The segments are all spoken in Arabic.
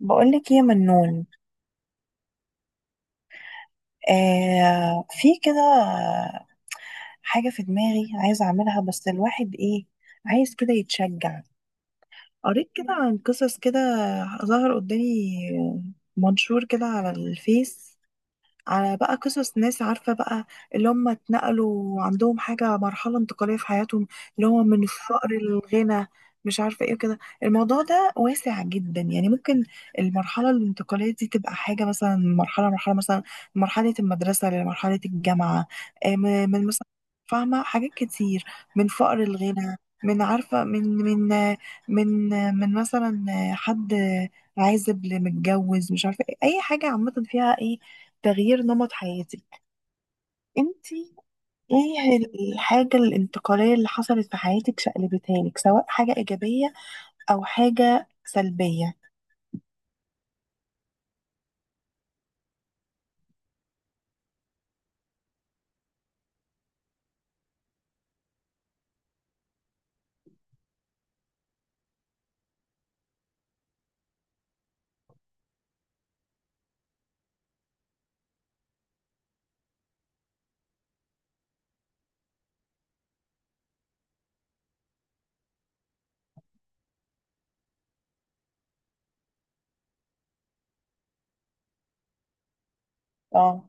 بقولك ايه يا منون. آه، في كده. حاجة في دماغي عايزة اعملها بس الواحد ايه، عايز كده يتشجع. قريت كده عن قصص كده، ظهر قدامي منشور كده على الفيس، على بقى قصص ناس، عارفة بقى اللي هم اتنقلوا عندهم حاجة، مرحلة انتقالية في حياتهم، اللي هو من الفقر للغنى. مش عارفة ايه كده، الموضوع ده واسع جدا يعني. ممكن المرحلة الانتقالية دي تبقى حاجة، مثلا مرحلة مثلا مرحلة المدرسة لمرحلة الجامعة. من مثلا، فاهمة حاجات كتير، من فقر الغنى، من عارفة من مثلا حد عازب لمتجوز، مش عارفة ايه. أي حاجة عامة فيها ايه، تغيير نمط حياتك انت. ايه الحاجة الانتقالية اللي حصلت في حياتك، شقلبتها لك سواء حاجة ايجابية او حاجة سلبية؟ اه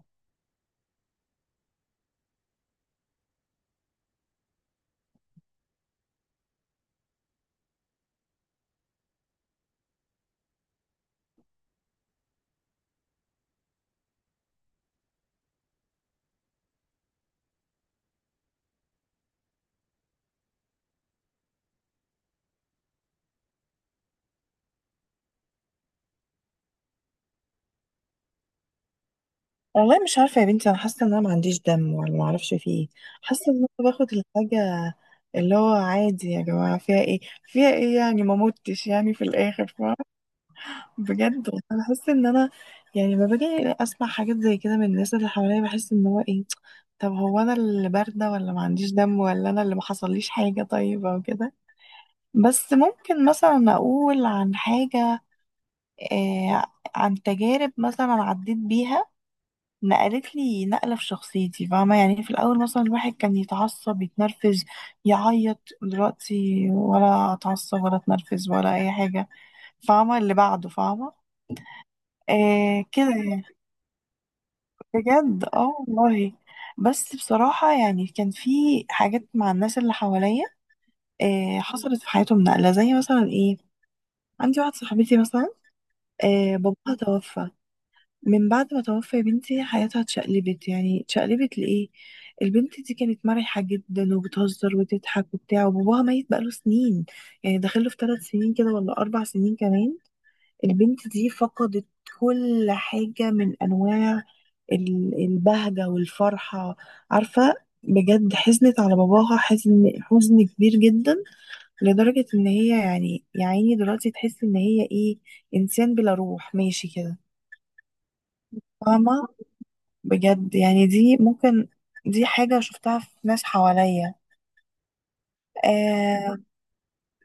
والله مش عارفة يا بنتي. انا حاسة ان انا ما عنديش دم، ولا ما اعرفش في ايه. حاسة ان انا باخد الحاجة اللي هو عادي، يا جماعة فيها ايه، فيها ايه يعني، ما متش يعني في الاخر. بجد والله انا بحس ان انا يعني، لما باجي اسمع حاجات زي كده من الناس اللي حواليا، بحس ان هو ايه، طب هو انا اللي بارده، ولا ما عنديش دم، ولا انا اللي ما حصليش حاجه طيب او كده. بس ممكن مثلا اقول عن حاجه، آه، عن تجارب مثلا عديت بيها، نقلت لي نقله في شخصيتي. فاهمه؟ يعني في الاول مثلا الواحد كان يتعصب، يتنرفز، يعيط. دلوقتي ولا اتعصب ولا اتنرفز ولا اي حاجه. فاهمه؟ اللي بعده. فاهمه؟ آه كده. بجد اه والله. بس بصراحة يعني كان في حاجات مع الناس اللي حواليا حصلت في حياتهم نقلة، زي مثلا ايه، عندي واحدة صاحبتي مثلا، باباها توفى. من بعد ما توفى يا بنتي، حياتها اتشقلبت، يعني اتشقلبت لإيه. البنت دي كانت مرحة جدا، وبتهزر وتضحك وبتاع، وباباها ميت بقاله سنين. يعني داخله في ثلاث سنين كده، ولا أربع سنين كمان. البنت دي فقدت كل حاجة من أنواع ال- البهجة والفرحة. عارفة؟ بجد حزنت على باباها حزن كبير جدا، لدرجة إن هي يعني، يا عيني، دلوقتي تحس إن هي إيه، إنسان بلا روح ماشي كده. فاهمة؟ بجد يعني دي ممكن، دي حاجة شفتها في ناس حواليا. آه،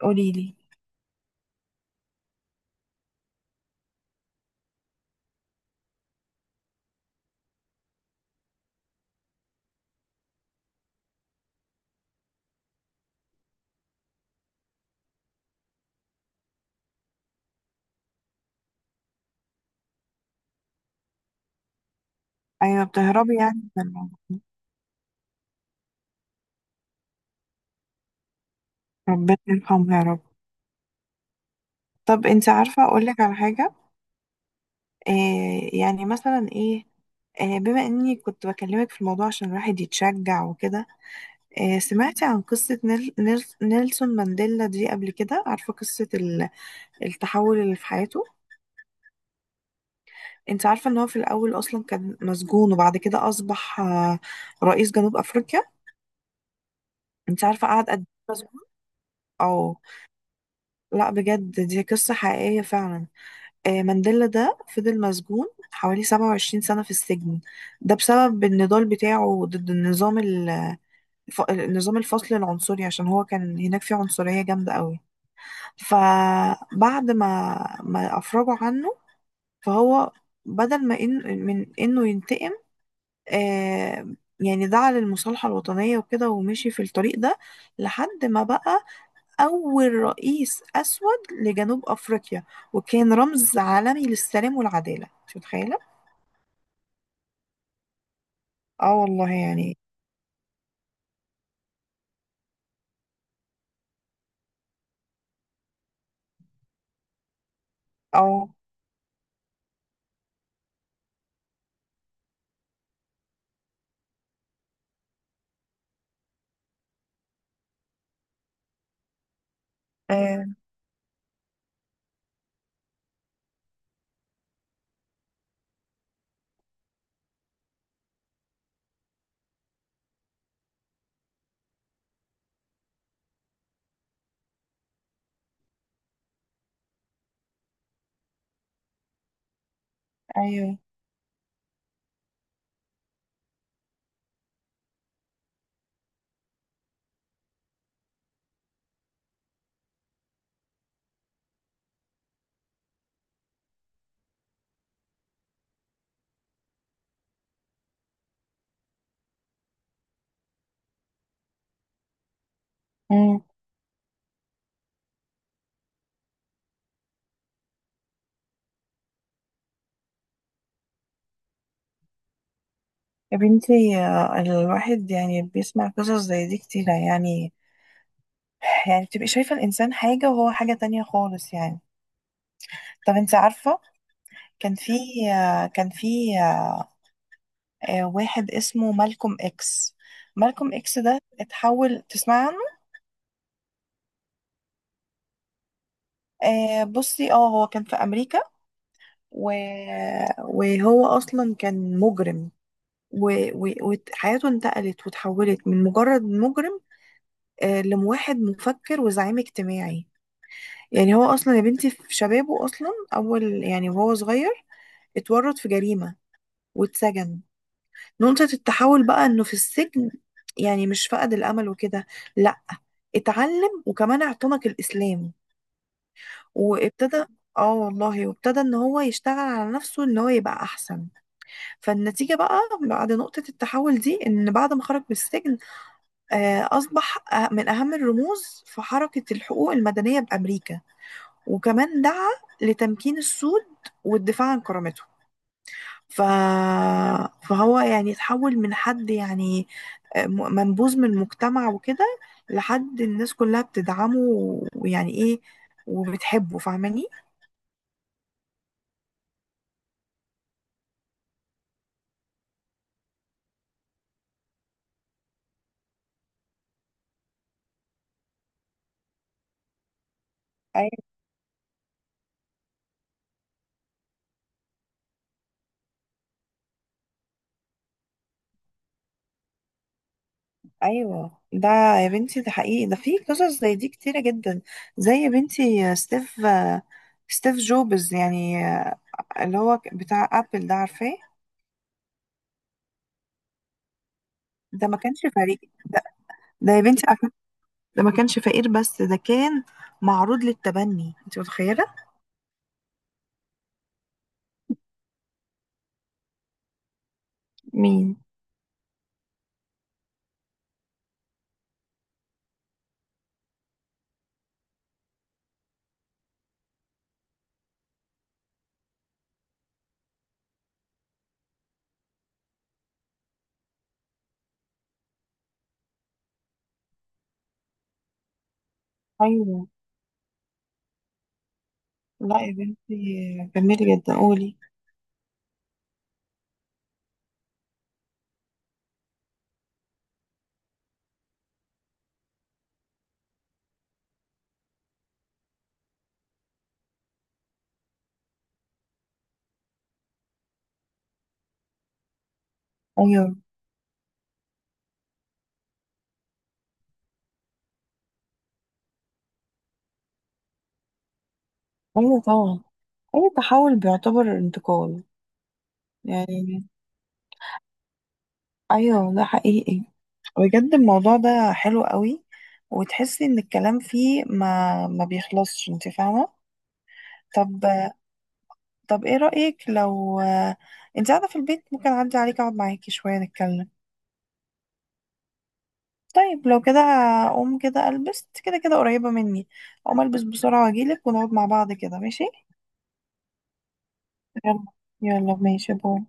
قوليلي. أيوة بتهربي يعني من الموضوع. ربنا يرحمها يا رب. طب انت عارفة اقولك على حاجة؟ آه يعني مثلا ايه، آه بما اني كنت بكلمك في الموضوع عشان الواحد يتشجع وكده، آه سمعتي عن قصة نيلسون مانديلا دي قبل كده؟ عارفة قصة ال- التحول اللي في حياته؟ انت عارفة ان هو في الاول اصلا كان مسجون، وبعد كده اصبح آه رئيس جنوب افريقيا؟ انت عارفة قعد قد ايه مسجون؟ او لا، بجد دي قصة حقيقية فعلا. آه، مانديلا ده فضل مسجون حوالي 27 سنة في السجن، ده بسبب النضال بتاعه ضد النظام، ف- نظام الفصل العنصري، عشان هو كان هناك فيه عنصرية جامدة قوي. فبعد ما أفرجوا عنه، فهو بدل ما إن من إنه ينتقم، آه، يعني دعا للمصالحة الوطنية وكده، ومشي في الطريق ده لحد ما بقى أول رئيس أسود لجنوب أفريقيا، وكان رمز عالمي للسلام والعدالة. مش متخيلة؟ اه والله يعني. اه. آه، ايوه يا بنتي، الواحد يعني بيسمع قصص زي دي كتيرة يعني. يعني بتبقي شايفة الإنسان حاجة وهو حاجة تانية خالص يعني. طب انت عارفة كان في آه، كان في آه، واحد اسمه مالكوم إكس؟ مالكوم إكس ده اتحول، تسمع عنه؟ آه، بصي اه هو كان في أمريكا، و... وهو أصلا كان مجرم، و- و- وحياته انتقلت وتحولت من مجرد مجرم، آه، لواحد مفكر وزعيم اجتماعي. يعني هو اصلا يا بنتي في شبابه اصلا، اول يعني وهو صغير اتورط في جريمة واتسجن. نقطة التحول بقى انه في السجن يعني مش فقد الامل وكده، لا، اتعلم وكمان اعتنق الاسلام. وابتدى، اه والله، وابتدى ان هو يشتغل على نفسه، ان هو يبقى احسن. فالنتيجة بقى، بعد نقطة التحول دي، ان بعد ما خرج من السجن، اصبح من اهم الرموز في حركة الحقوق المدنية بامريكا. وكمان دعا لتمكين السود والدفاع عن كرامته. ف... فهو يعني اتحول من حد يعني منبوذ من المجتمع وكده، لحد الناس كلها بتدعمه ويعني ايه، وبتحبه. فاهماني؟ أي- ايوه ده. يا بنتي ده حقيقي، ده في قصص زي دي كتيرة جدا. زي يا بنتي ستيف جوبز يعني، آه، اللي هو بتاع ابل، ده عارفاه؟ ده ما كانش فريق، ده, ده يا بنتي، ده ما كانش فقير، بس ده كان معروض للتبني. انت متخيلة؟ مين؟ ايوه. لا يا بنتي جميل جدا، قولي. ايوه. ايوه طبعا، اي تحول بيعتبر انتقال يعني. ايوه ده حقيقي. بجد الموضوع ده حلو قوي، وتحسي ان الكلام فيه ما بيخلصش. انت فاهمة؟ طب، طب ايه رأيك لو، انت قاعدة في البيت ممكن اعدي عليك اقعد معاكي شوية نتكلم؟ طيب لو كده هقوم كده البس، كده كده قريبة مني. اقوم البس بسرعة واجيلك ونقعد مع بعض كده، ماشي؟ يلا. يلا ماشي، باي.